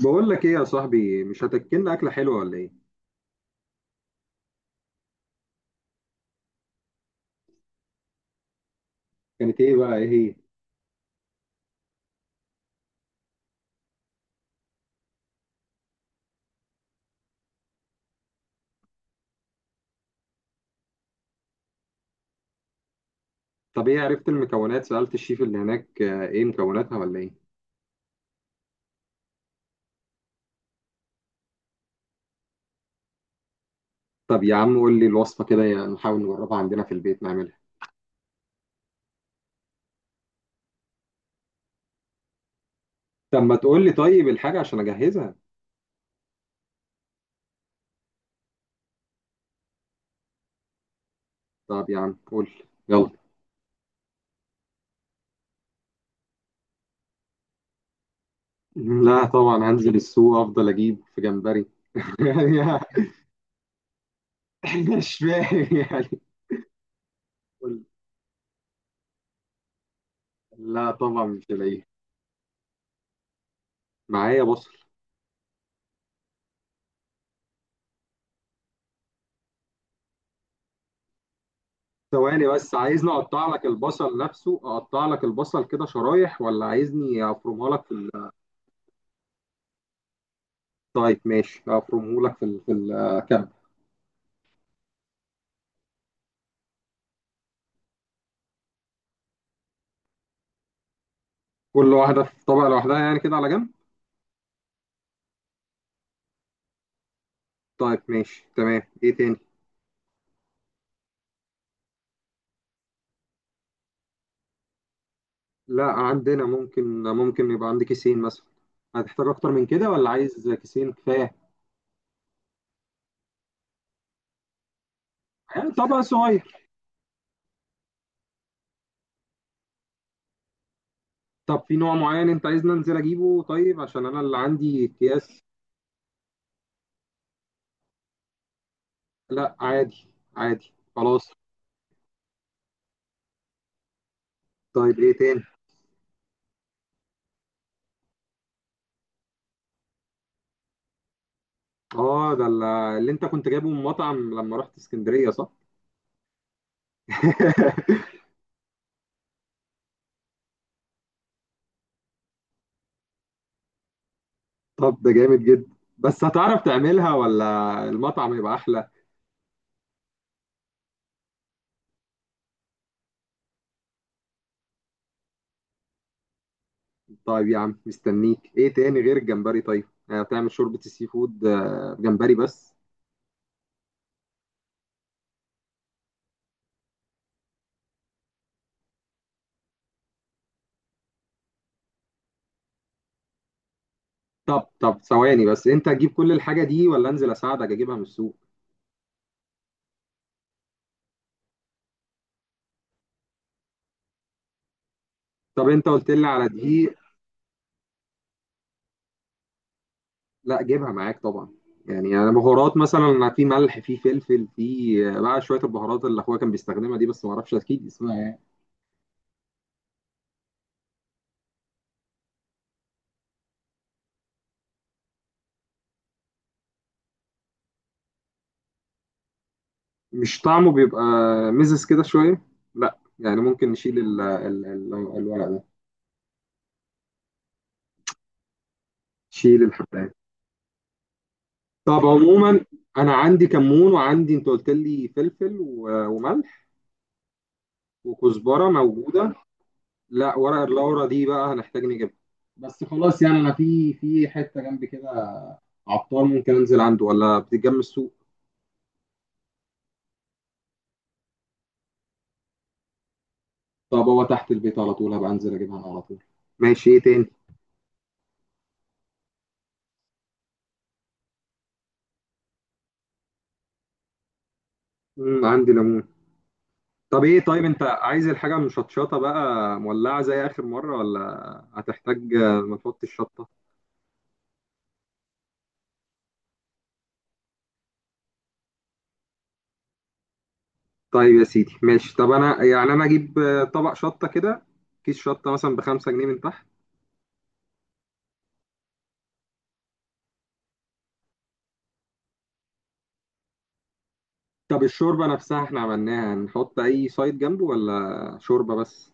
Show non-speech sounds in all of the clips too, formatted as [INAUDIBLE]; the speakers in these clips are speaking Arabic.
بقول لك ايه يا صاحبي؟ مش هتاكلنا اكله حلوه ولا ايه؟ كانت ايه بقى؟ ايه هي؟ طب، ايه عرفت المكونات؟ سالت الشيف اللي هناك؟ ايه مكوناتها ولا ايه؟ طب يا عم قول لي الوصفه كده، نحاول نجربها عندنا في البيت نعملها. طب ما تقول لي طيب الحاجه عشان اجهزها. طب يا عم قول لي، يلا. لا طبعا، هنزل السوق، افضل اجيب في جمبري. [LAUGHS] يعني مش فاهم يعني. قول لي. لا طبعا مش هلاقيه. معايا بصل. ثواني بس، عايزني اقطع لك البصل نفسه؟ اقطع لك البصل كده شرايح، ولا عايزني افرمها لك طيب ماشي، افرمه لك في الكعب. كل واحده في طبق لوحدها يعني، كده على جنب. طيب ماشي تمام، ايه تاني؟ لا عندنا، ممكن يبقى عندي كيسين مثلا. هتحتاج اكتر من كده ولا عايز كيسين كفايه؟ يعني طبق صغير. طب في نوع معين انت عايزني انزل اجيبه؟ طيب، عشان انا اللي عندي اكياس. لا عادي. عادي خلاص. طيب ايه تاني؟ اه، اللي انت كنت جايبه من مطعم لما رحت اسكندرية، صح؟ [LAUGHS] طب ده جامد جدا. بس هتعرف تعملها ولا المطعم يبقى احلى؟ طيب يا عم، مستنيك. ايه تاني غير الجمبري؟ طيب، بتعمل شوربة السي فود؟ جمبري بس؟ طب ثواني بس، انت هتجيب كل الحاجة دي ولا انزل اساعدك اجيبها من السوق؟ طب انت قلت لي على دقيق. لا جيبها معاك طبعا. يعني انا بهارات مثلا، في ملح، في فلفل، في بقى شوية البهارات اللي اخويا كان بيستخدمها دي، بس ما اعرفش اكيد اسمها إيه. مش طعمه بيبقى مزز كده شوية؟ لا يعني ممكن نشيل الورق ده. شيل الحباية. طب عموما، انا عندي كمون، وعندي، انت قلت لي فلفل وملح. وكزبرة موجودة. لا، ورق اللورا دي بقى هنحتاج نجيبها. بس خلاص، يعني انا في حتة جنبي كده عطار، ممكن انزل عنده ولا بتتجمع السوق؟ طب هو تحت البيت على طول، هبقى انزل اجيبها أنا على طول. ماشي، ايه تاني؟ مم، عندي ليمون. طب ايه؟ طيب انت عايز الحاجة مشطشطة بقى؟ مولعة زي آخر مرة، ولا هتحتاج؟ ما تحط الشطة؟ طيب يا سيدي ماشي. طب انا يعني، انا اجيب طبق شطة كده، كيس شطة مثلا ب5 جنيه من تحت. طب الشوربة نفسها احنا عملناها، نحط اي سايد جنبه ولا شوربة بس؟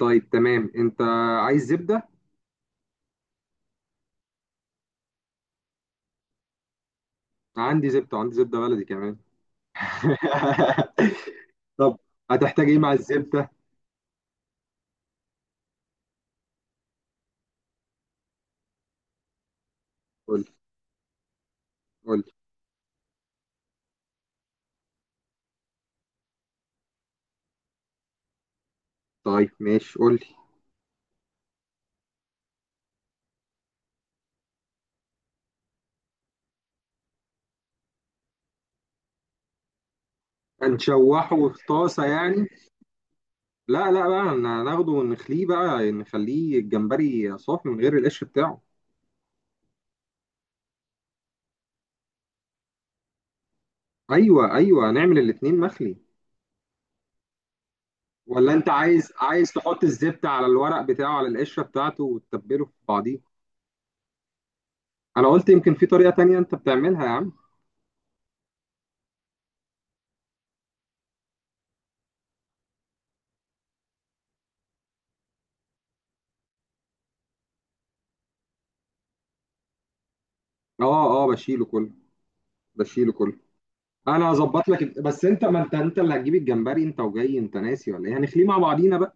طيب تمام، انت عايز زبدة؟ عندي زبدة، عندي زبدة بلدي كمان. [LAUGHS] طب هتحتاج ايه مع الزبدة؟ قول. قول. طيب ماشي، قول لي. هنشوحه في طاسة يعني؟ لا لا بقى، ناخده ونخليه بقى، نخليه الجمبري صافي من غير القش بتاعه. ايوه ايوه، نعمل الاتنين مخلي. ولا انت عايز تحط الزبدة على الورق بتاعه، على القشرة بتاعته، وتتبله في بعضيه؟ انا قلت يمكن في طريقة تانية انت بتعملها يا عم. اه اه، بشيله كله. بشيله كله. انا هظبط لك، بس انت، ما انت اللي هتجيب الجمبري انت وجاي، انت ناسي ولا ايه؟ هنخليه مع بعضينا بقى.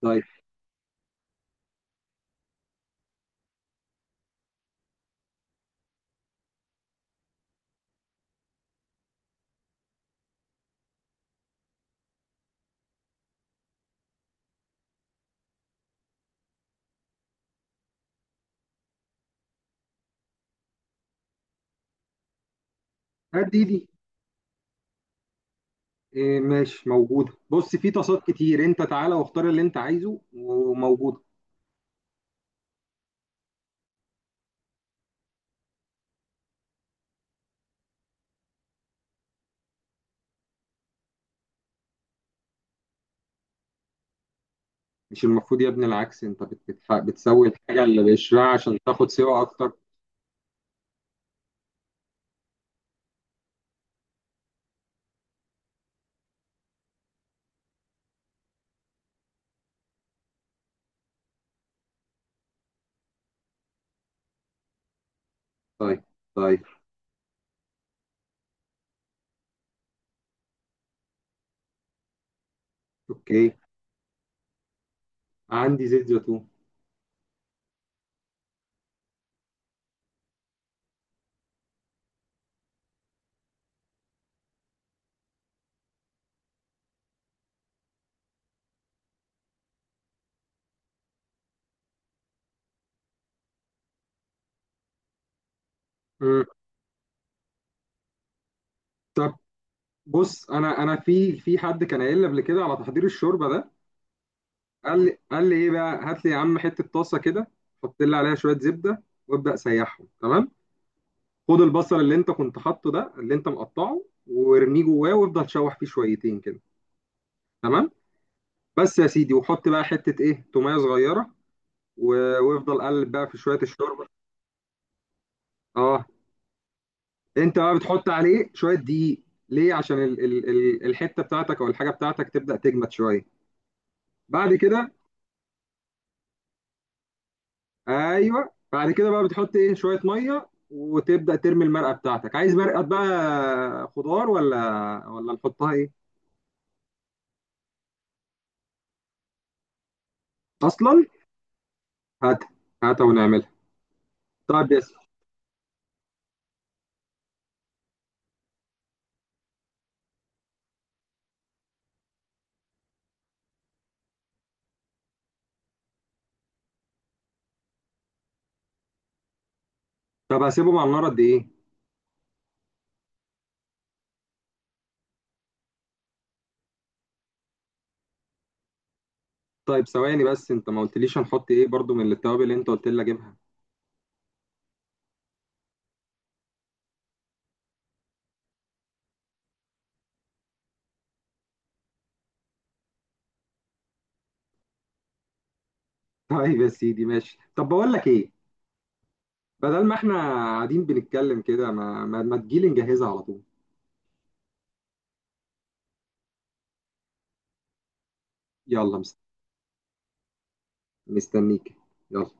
طيب هات دي. إيه، ماشي، موجودة. بص، في طاسات كتير، انت تعالى واختار اللي انت عايزه وموجود. مش المفروض يا ابني العكس؟ انت بتسوي الحاجة اللي بقشرها عشان تاخد سوا اكتر. طيب. طيب. اوكي. عندي زيت زيتون. مم. طب بص، انا في حد كان قايل لي قبل كده على تحضير الشوربة ده. قال لي ايه بقى، هات لي يا عم حتة طاسة كده، حط لي عليها شوية زبدة وابدأ سيحهم. تمام. خد البصل اللي انت كنت حاطه ده، اللي انت مقطعه، وارميه جواه، وافضل شوح فيه شويتين كده. تمام. بس يا سيدي، وحط بقى حتة ايه تومية صغيرة، وافضل قلب بقى في شوية الشوربة. اه. انت بقى بتحط عليه شويه دقيق. ليه؟ عشان ال ال ال الحته بتاعتك او الحاجه بتاعتك تبدا تجمد شويه. بعد كده. ايوه، بعد كده بقى بتحط ايه شويه ميه وتبدا ترمي المرقه بتاعتك. عايز مرقه بقى خضار، ولا، ولا نحطها ايه؟ اصلا. هات. هاتها ونعملها. طيب، يس. طب هسيبهم على النار قد ايه؟ طيب ثواني بس، انت ما قلتليش هنحط ايه برضو من التوابل اللي انت قلت لي اجيبها. [LAUGHS] طيب يا سيدي ماشي. طب بقول لك ايه، بدل ما احنا قاعدين بنتكلم كده، ما تجيلي نجهزها على طول. يلا، مستنيك. يلا.